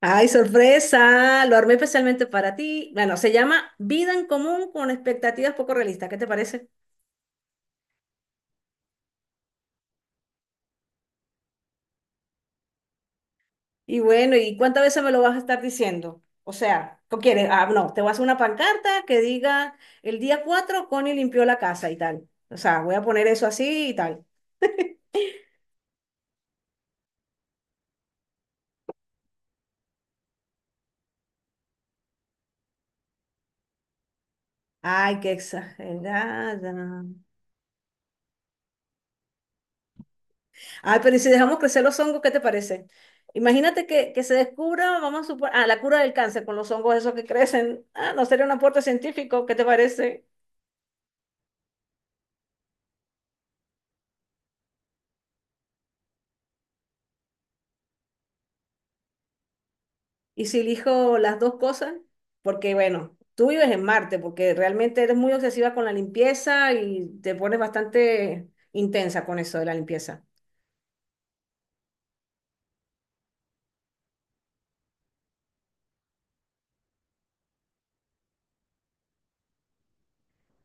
Ay, sorpresa, lo armé especialmente para ti. Bueno, se llama Vida en Común con expectativas poco realistas, ¿qué te parece? Y bueno, ¿y cuántas veces me lo vas a estar diciendo? O sea, ¿qué quieres? Ah, no, te voy a hacer una pancarta que diga el día 4, Connie limpió la casa y tal. O sea, voy a poner eso así y tal. Ay, qué exagerada. Ay, pero ¿y si dejamos crecer los hongos, qué te parece? Imagínate que se descubra, vamos a suponer, ah, la cura del cáncer con los hongos esos que crecen. Ah, no sería un aporte científico, ¿qué te parece? Y si elijo las dos cosas, porque bueno, tú vives en Marte, porque realmente eres muy obsesiva con la limpieza y te pones bastante intensa con eso de la limpieza.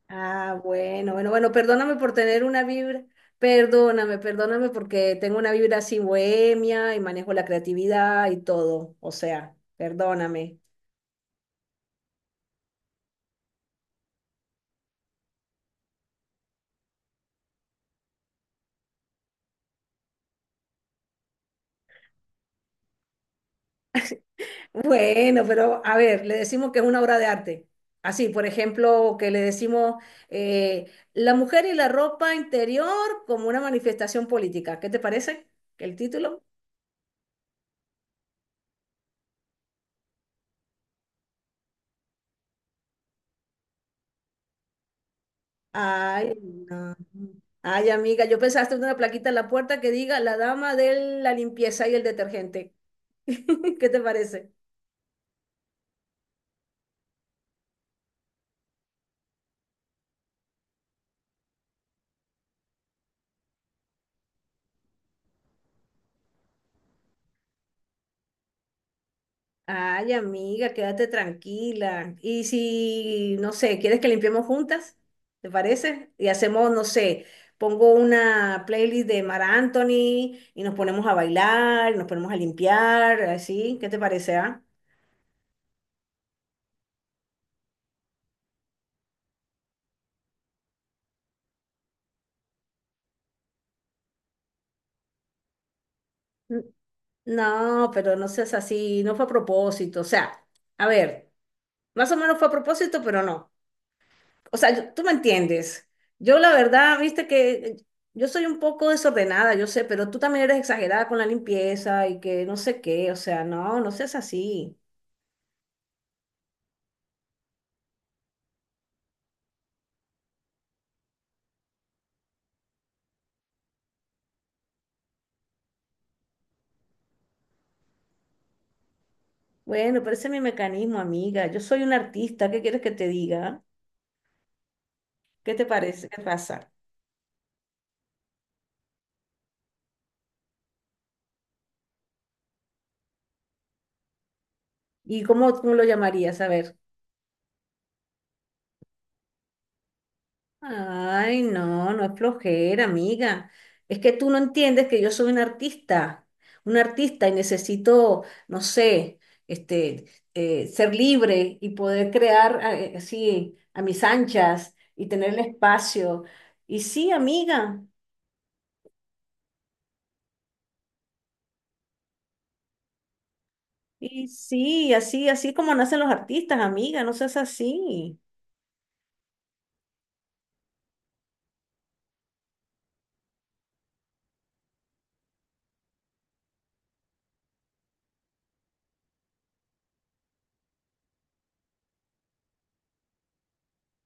Ah, bueno, bueno, bueno, perdóname por tener una vibra, perdóname, perdóname porque tengo una vibra así bohemia y manejo la creatividad y todo, o sea, perdóname. Bueno, pero a ver, le decimos que es una obra de arte. Así, por ejemplo, que le decimos eh, la mujer y la ropa interior como una manifestación política. ¿Qué te parece el título? Ay, no. Ay, amiga, yo pensaste en una plaquita en la puerta que diga la dama de la limpieza y el detergente. ¿Qué te parece? Ay, amiga, quédate tranquila. Y si, no sé, ¿quieres que limpiemos juntas? ¿Te parece? Y hacemos, no sé, pongo una playlist de Mar Anthony y nos ponemos a bailar, nos ponemos a limpiar, así. ¿Qué te parece, ah? N- No, pero no seas así, no fue a propósito. O sea, a ver, más o menos fue a propósito, pero no. O sea, tú me entiendes. Yo la verdad, viste que yo soy un poco desordenada, yo sé, pero tú también eres exagerada con la limpieza y que no sé qué, o sea, no, no seas así. Bueno, pero ese es mi mecanismo, amiga. Yo soy una artista, ¿qué quieres que te diga? ¿Qué te parece? ¿Qué pasa? ¿Y cómo, cómo lo llamarías? A ver. Ay, no, no es flojera, amiga. Es que tú no entiendes que yo soy un artista y necesito, no sé, este, ser libre y poder crear así a mis anchas y tener el espacio. Y sí, amiga, y sí, así, así como nacen los artistas, amiga, no seas así.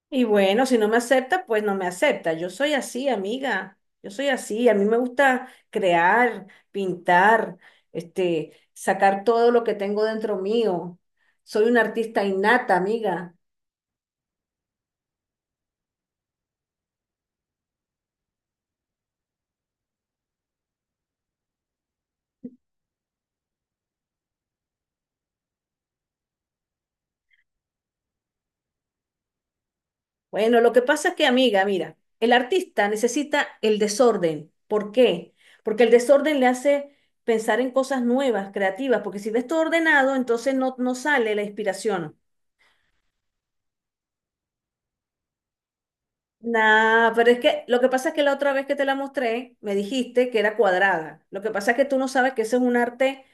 Y bueno, si no me acepta, pues no me acepta. Yo soy así, amiga. Yo soy así. A mí me gusta crear, pintar, sacar todo lo que tengo dentro mío. Soy una artista innata, amiga. Bueno, lo que pasa es que, amiga, mira, el artista necesita el desorden. ¿Por qué? Porque el desorden le hace pensar en cosas nuevas, creativas, porque si ves todo ordenado, entonces no, no sale la inspiración. Nah, pero es que lo que pasa es que la otra vez que te la mostré, me dijiste que era cuadrada. Lo que pasa es que tú no sabes que ese es un arte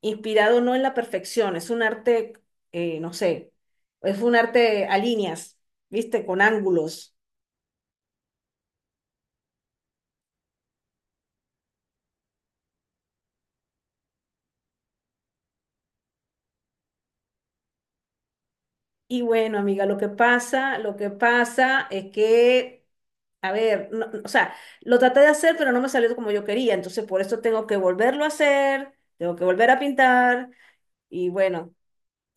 inspirado no en la perfección, es un arte, no sé, es un arte a líneas, ¿viste? Con ángulos. Y bueno, amiga, lo que pasa es que, a ver, o sea, lo traté de hacer, pero no me salió como yo quería, entonces por eso tengo que volverlo a hacer, tengo que volver a pintar, y bueno.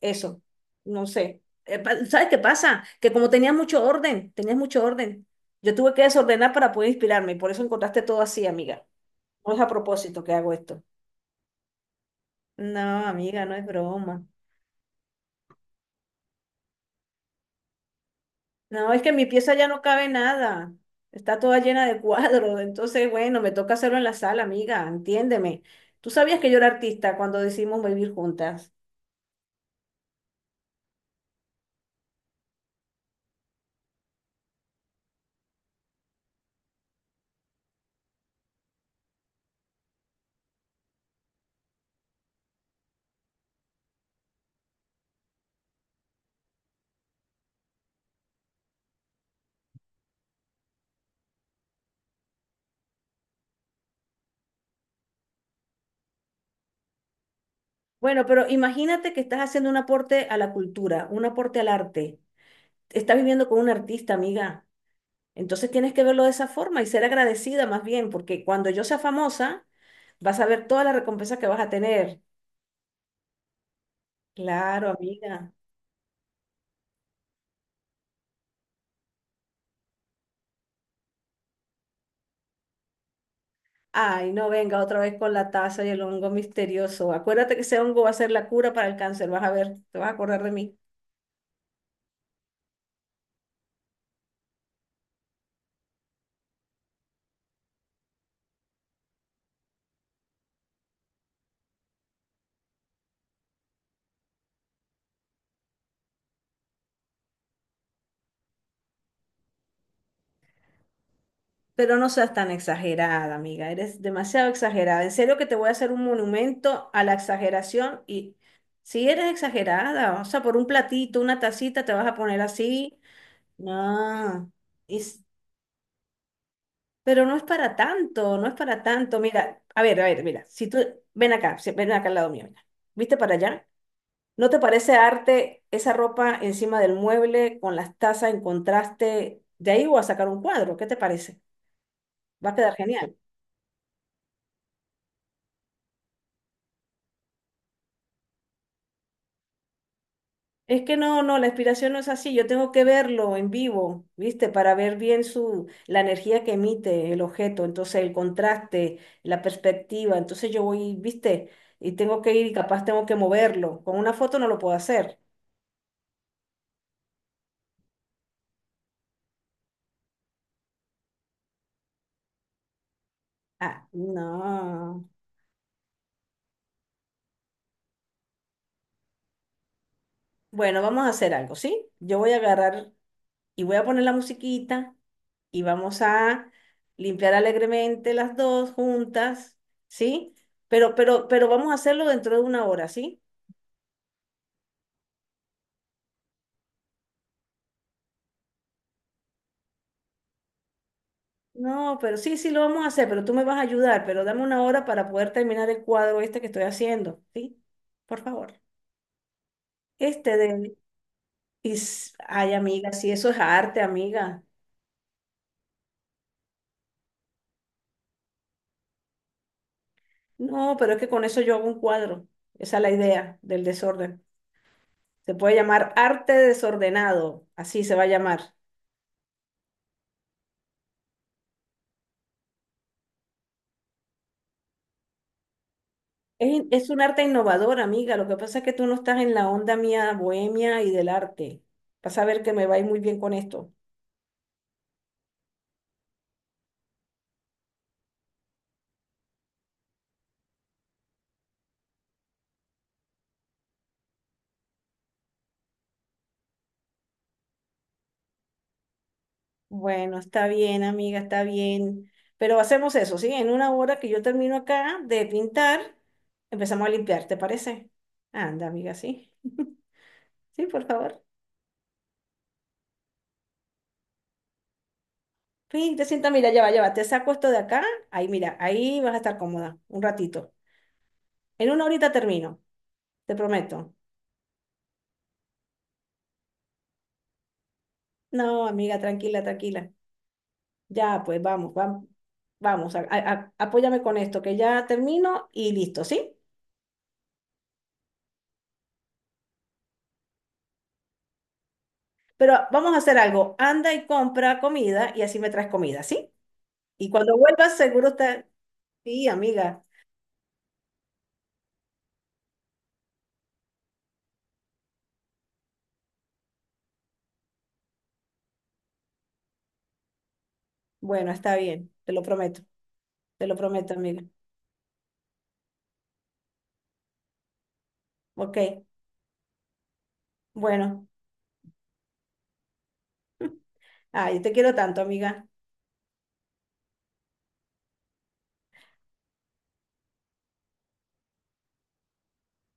Eso, no sé. ¿Sabes qué pasa? Que como tenías mucho orden, tenías mucho orden. Yo tuve que desordenar para poder inspirarme y por eso encontraste todo así, amiga. No es a propósito que hago esto. No, amiga, no es broma. No, es que en mi pieza ya no cabe nada. Está toda llena de cuadros. Entonces, bueno, me toca hacerlo en la sala, amiga. Entiéndeme. Tú sabías que yo era artista cuando decidimos vivir juntas. Bueno, pero imagínate que estás haciendo un aporte a la cultura, un aporte al arte. Estás viviendo con un artista, amiga. Entonces tienes que verlo de esa forma y ser agradecida más bien, porque cuando yo sea famosa, vas a ver toda la recompensa que vas a tener. Claro, amiga. Ay, no venga otra vez con la taza y el hongo misterioso. Acuérdate que ese hongo va a ser la cura para el cáncer, vas a ver, te vas a acordar de mí. Pero no seas tan exagerada, amiga, eres demasiado exagerada. En serio que te voy a hacer un monumento a la exageración y si eres exagerada, o sea, por un platito, una tacita, te vas a poner así. No. Y s- Pero no es para tanto, no es para tanto. Mira, a ver, mira, si tú, ven acá, ven acá al lado mío, mira. ¿Viste para allá? ¿No te parece arte esa ropa encima del mueble con las tazas en contraste? De ahí voy a sacar un cuadro, ¿qué te parece? Va a quedar genial. Es que no, no, la inspiración no es así, yo tengo que verlo en vivo, ¿viste? Para ver bien su, la energía que emite el objeto, entonces el contraste, la perspectiva, entonces yo voy, ¿viste? Y tengo que ir y capaz tengo que moverlo. Con una foto no lo puedo hacer. Ah, no. Bueno, vamos a hacer algo, ¿sí? Yo voy a agarrar y voy a poner la musiquita y vamos a limpiar alegremente las dos juntas, ¿sí? Pero vamos a hacerlo dentro de una hora, ¿sí? No, pero sí, sí lo vamos a hacer, pero tú me vas a ayudar, pero dame una hora para poder terminar el cuadro este que estoy haciendo, ¿sí? Por favor. Este de... Ay, amiga, sí, eso es arte, amiga. No, pero es que con eso yo hago un cuadro. Esa es la idea del desorden. Se puede llamar arte desordenado, así se va a llamar. Es un arte innovador, amiga. Lo que pasa es que tú no estás en la onda mía bohemia y del arte. Vas a ver que me va a ir muy bien con esto. Bueno, está bien, amiga, está bien. Pero hacemos eso, ¿sí? En una hora que yo termino acá de pintar, empezamos a limpiar, ¿te parece? Anda, amiga, sí. Sí, por favor. Sí, te sienta, mira, ya va, ya va. Te saco esto de acá. Ahí, mira, ahí vas a estar cómoda un ratito. En una horita termino, te prometo. No, amiga, tranquila, tranquila. Ya, pues vamos, vamos, vamos, apóyame con esto, que ya termino y listo, ¿sí? Pero vamos a hacer algo, anda y compra comida y así me traes comida, ¿sí? Y cuando vuelvas, seguro está... Sí, amiga. Bueno, está bien, te lo prometo, amiga. Ok, bueno. Ay, te quiero tanto, amiga.